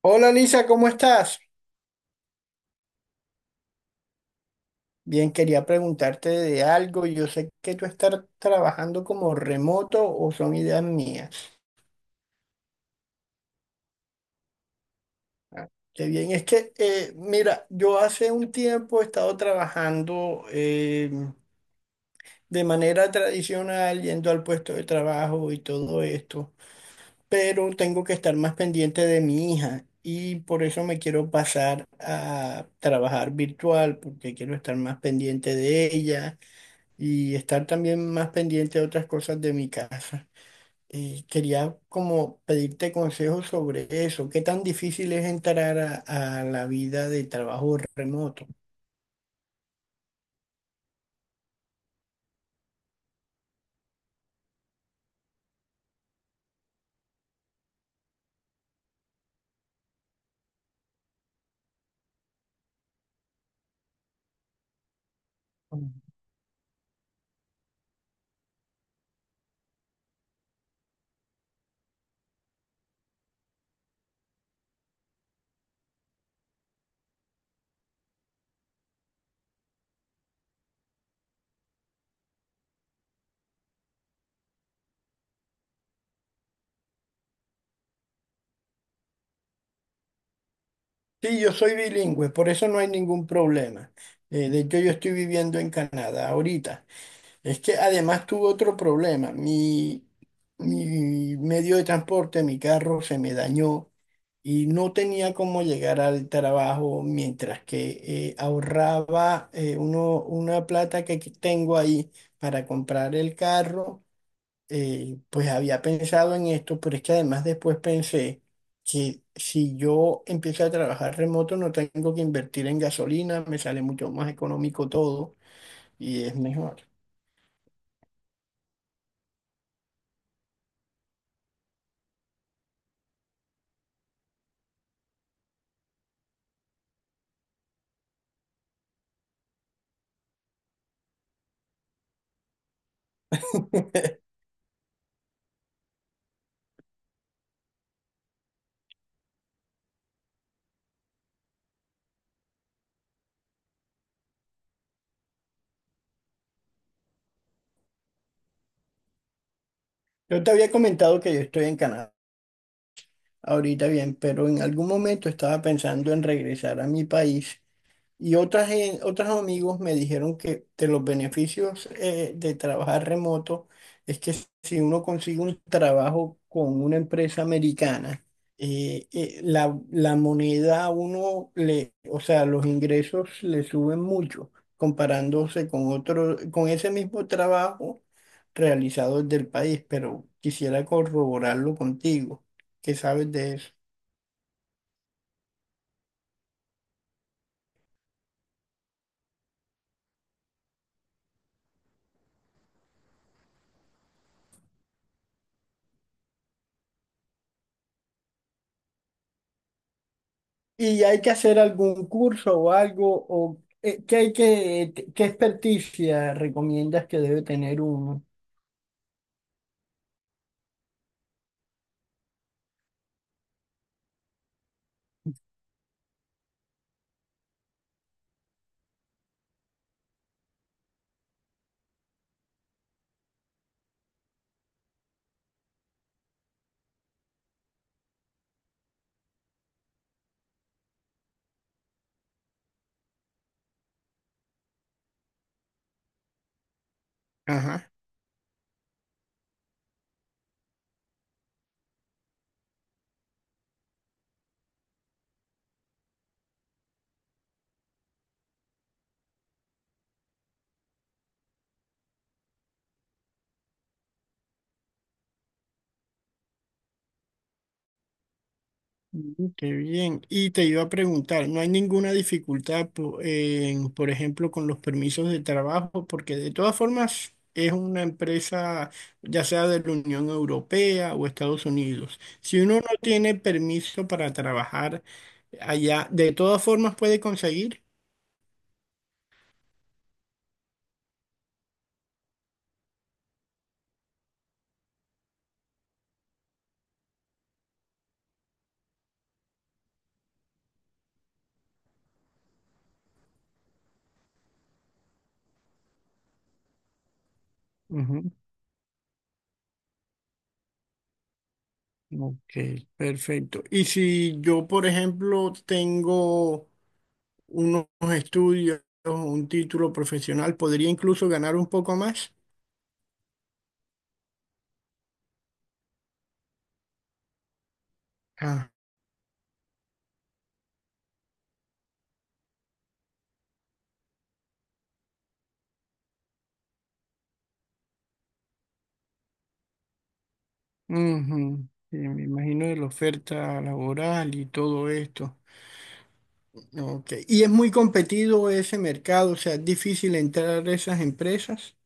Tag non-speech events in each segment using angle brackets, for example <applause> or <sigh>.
Hola Lisa, ¿cómo estás? Bien, quería preguntarte de algo. Yo sé que tú estás trabajando como remoto o son ideas mías. Ah, qué bien, es que, mira, yo hace un tiempo he estado trabajando de manera tradicional, yendo al puesto de trabajo y todo esto, pero tengo que estar más pendiente de mi hija y por eso me quiero pasar a trabajar virtual, porque quiero estar más pendiente de ella y estar también más pendiente de otras cosas de mi casa. Y quería como pedirte consejos sobre eso. ¿Qué tan difícil es entrar a la vida de trabajo remoto? Sí, yo soy bilingüe, por eso no hay ningún problema. De hecho, yo estoy viviendo en Canadá ahorita. Es que además tuve otro problema. Mi medio de transporte, mi carro, se me dañó y no tenía cómo llegar al trabajo mientras que ahorraba una plata que aquí tengo ahí para comprar el carro. Pues había pensado en esto, pero es que además después pensé que si yo empiezo a trabajar remoto no tengo que invertir en gasolina, me sale mucho más económico todo y es mejor. <laughs> Yo te había comentado que yo estoy en Canadá ahorita bien, pero en algún momento estaba pensando en regresar a mi país. Y otros amigos me dijeron que de los beneficios de trabajar remoto es que si uno consigue un trabajo con una empresa americana, la moneda a uno le, o sea, los ingresos le suben mucho comparándose con otro, con ese mismo trabajo realizado desde el país, pero quisiera corroborarlo contigo. ¿Qué sabes de eso? ¿Y hay que hacer algún curso o algo? O, ¿qué qué experticia recomiendas que debe tener uno? Ajá. Mm, qué bien. Y te iba a preguntar, ¿no hay ninguna dificultad, en, por ejemplo, con los permisos de trabajo? Porque de todas formas es una empresa, ya sea de la Unión Europea o Estados Unidos. Si uno no tiene permiso para trabajar allá, de todas formas puede conseguir. Ok, perfecto. Y si yo, por ejemplo, tengo unos estudios, un título profesional, ¿podría incluso ganar un poco más? Ah, ujú. Sí, me imagino de la oferta laboral y todo esto. Ok. Y es muy competido ese mercado, o sea, es difícil entrar a esas empresas.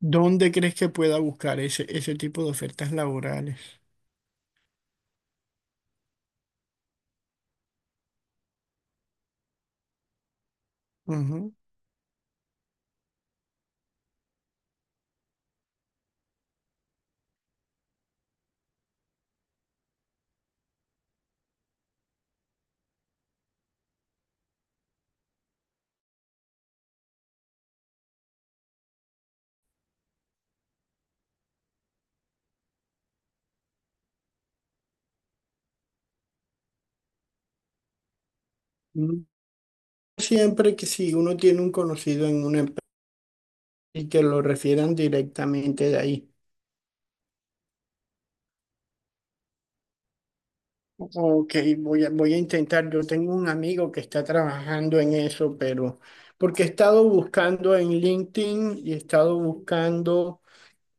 ¿Dónde crees que pueda buscar ese tipo de ofertas laborales? Ujú. Mm. Siempre que si uno tiene un conocido en una y que lo refieran directamente de ahí. Ok, voy a intentar. Yo tengo un amigo que está trabajando en eso, pero porque he estado buscando en LinkedIn y he estado buscando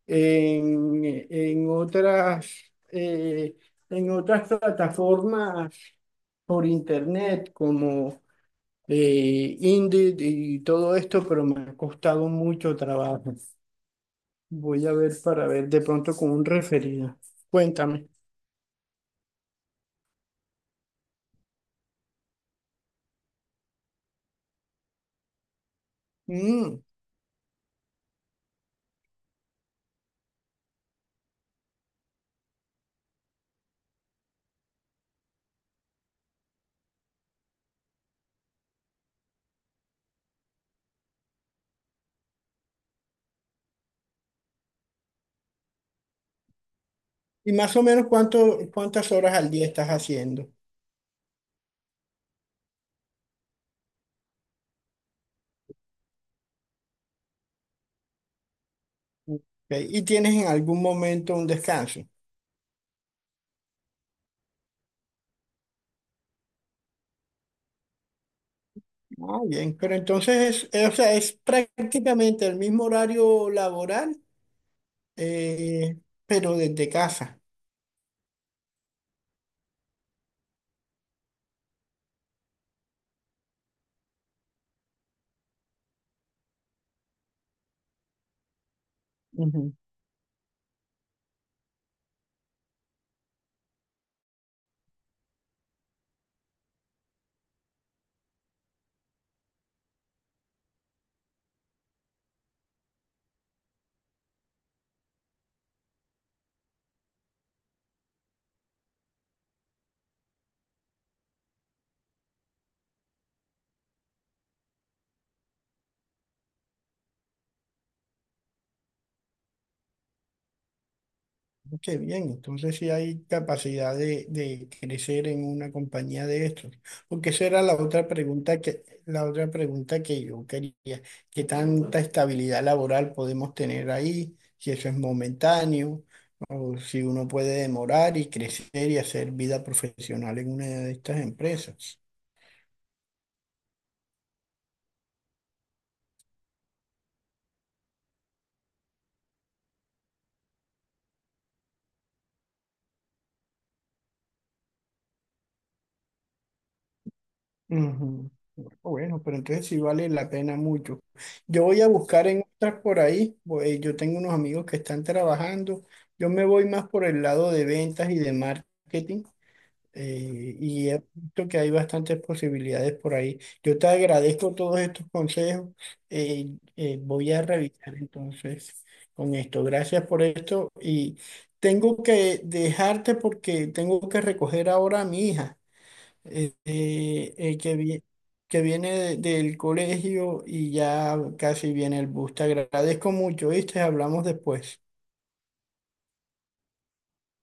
en, en otras, eh, en otras plataformas por internet como Indeed y todo esto, pero me ha costado mucho trabajo. Voy a ver para ver de pronto con un referido. Cuéntame. Mm. Y más o menos ¿cuántas horas al día estás haciendo? ¿Ok? ¿Y tienes en algún momento un descanso? Ah, bien, pero entonces es, o sea, es prácticamente el mismo horario laboral, eh, pero desde casa. Qué bien, entonces sí hay capacidad de crecer en una compañía de estos. Porque esa era la otra pregunta que yo quería. ¿Qué tanta estabilidad laboral podemos tener ahí? Si eso es momentáneo, o si uno puede demorar y crecer y hacer vida profesional en una de estas empresas. Ujú. Bueno, pero entonces sí vale la pena mucho. Yo voy a buscar en otras por ahí. Yo tengo unos amigos que están trabajando. Yo me voy más por el lado de ventas y de marketing. Y he visto que hay bastantes posibilidades por ahí. Yo te agradezco todos estos consejos. Voy a revisar entonces con esto. Gracias por esto. Y tengo que dejarte porque tengo que recoger ahora a mi hija eh, eh, eh, que, vi- que viene del colegio y ya casi viene el bus. Te agradezco mucho, ¿viste? Hablamos después.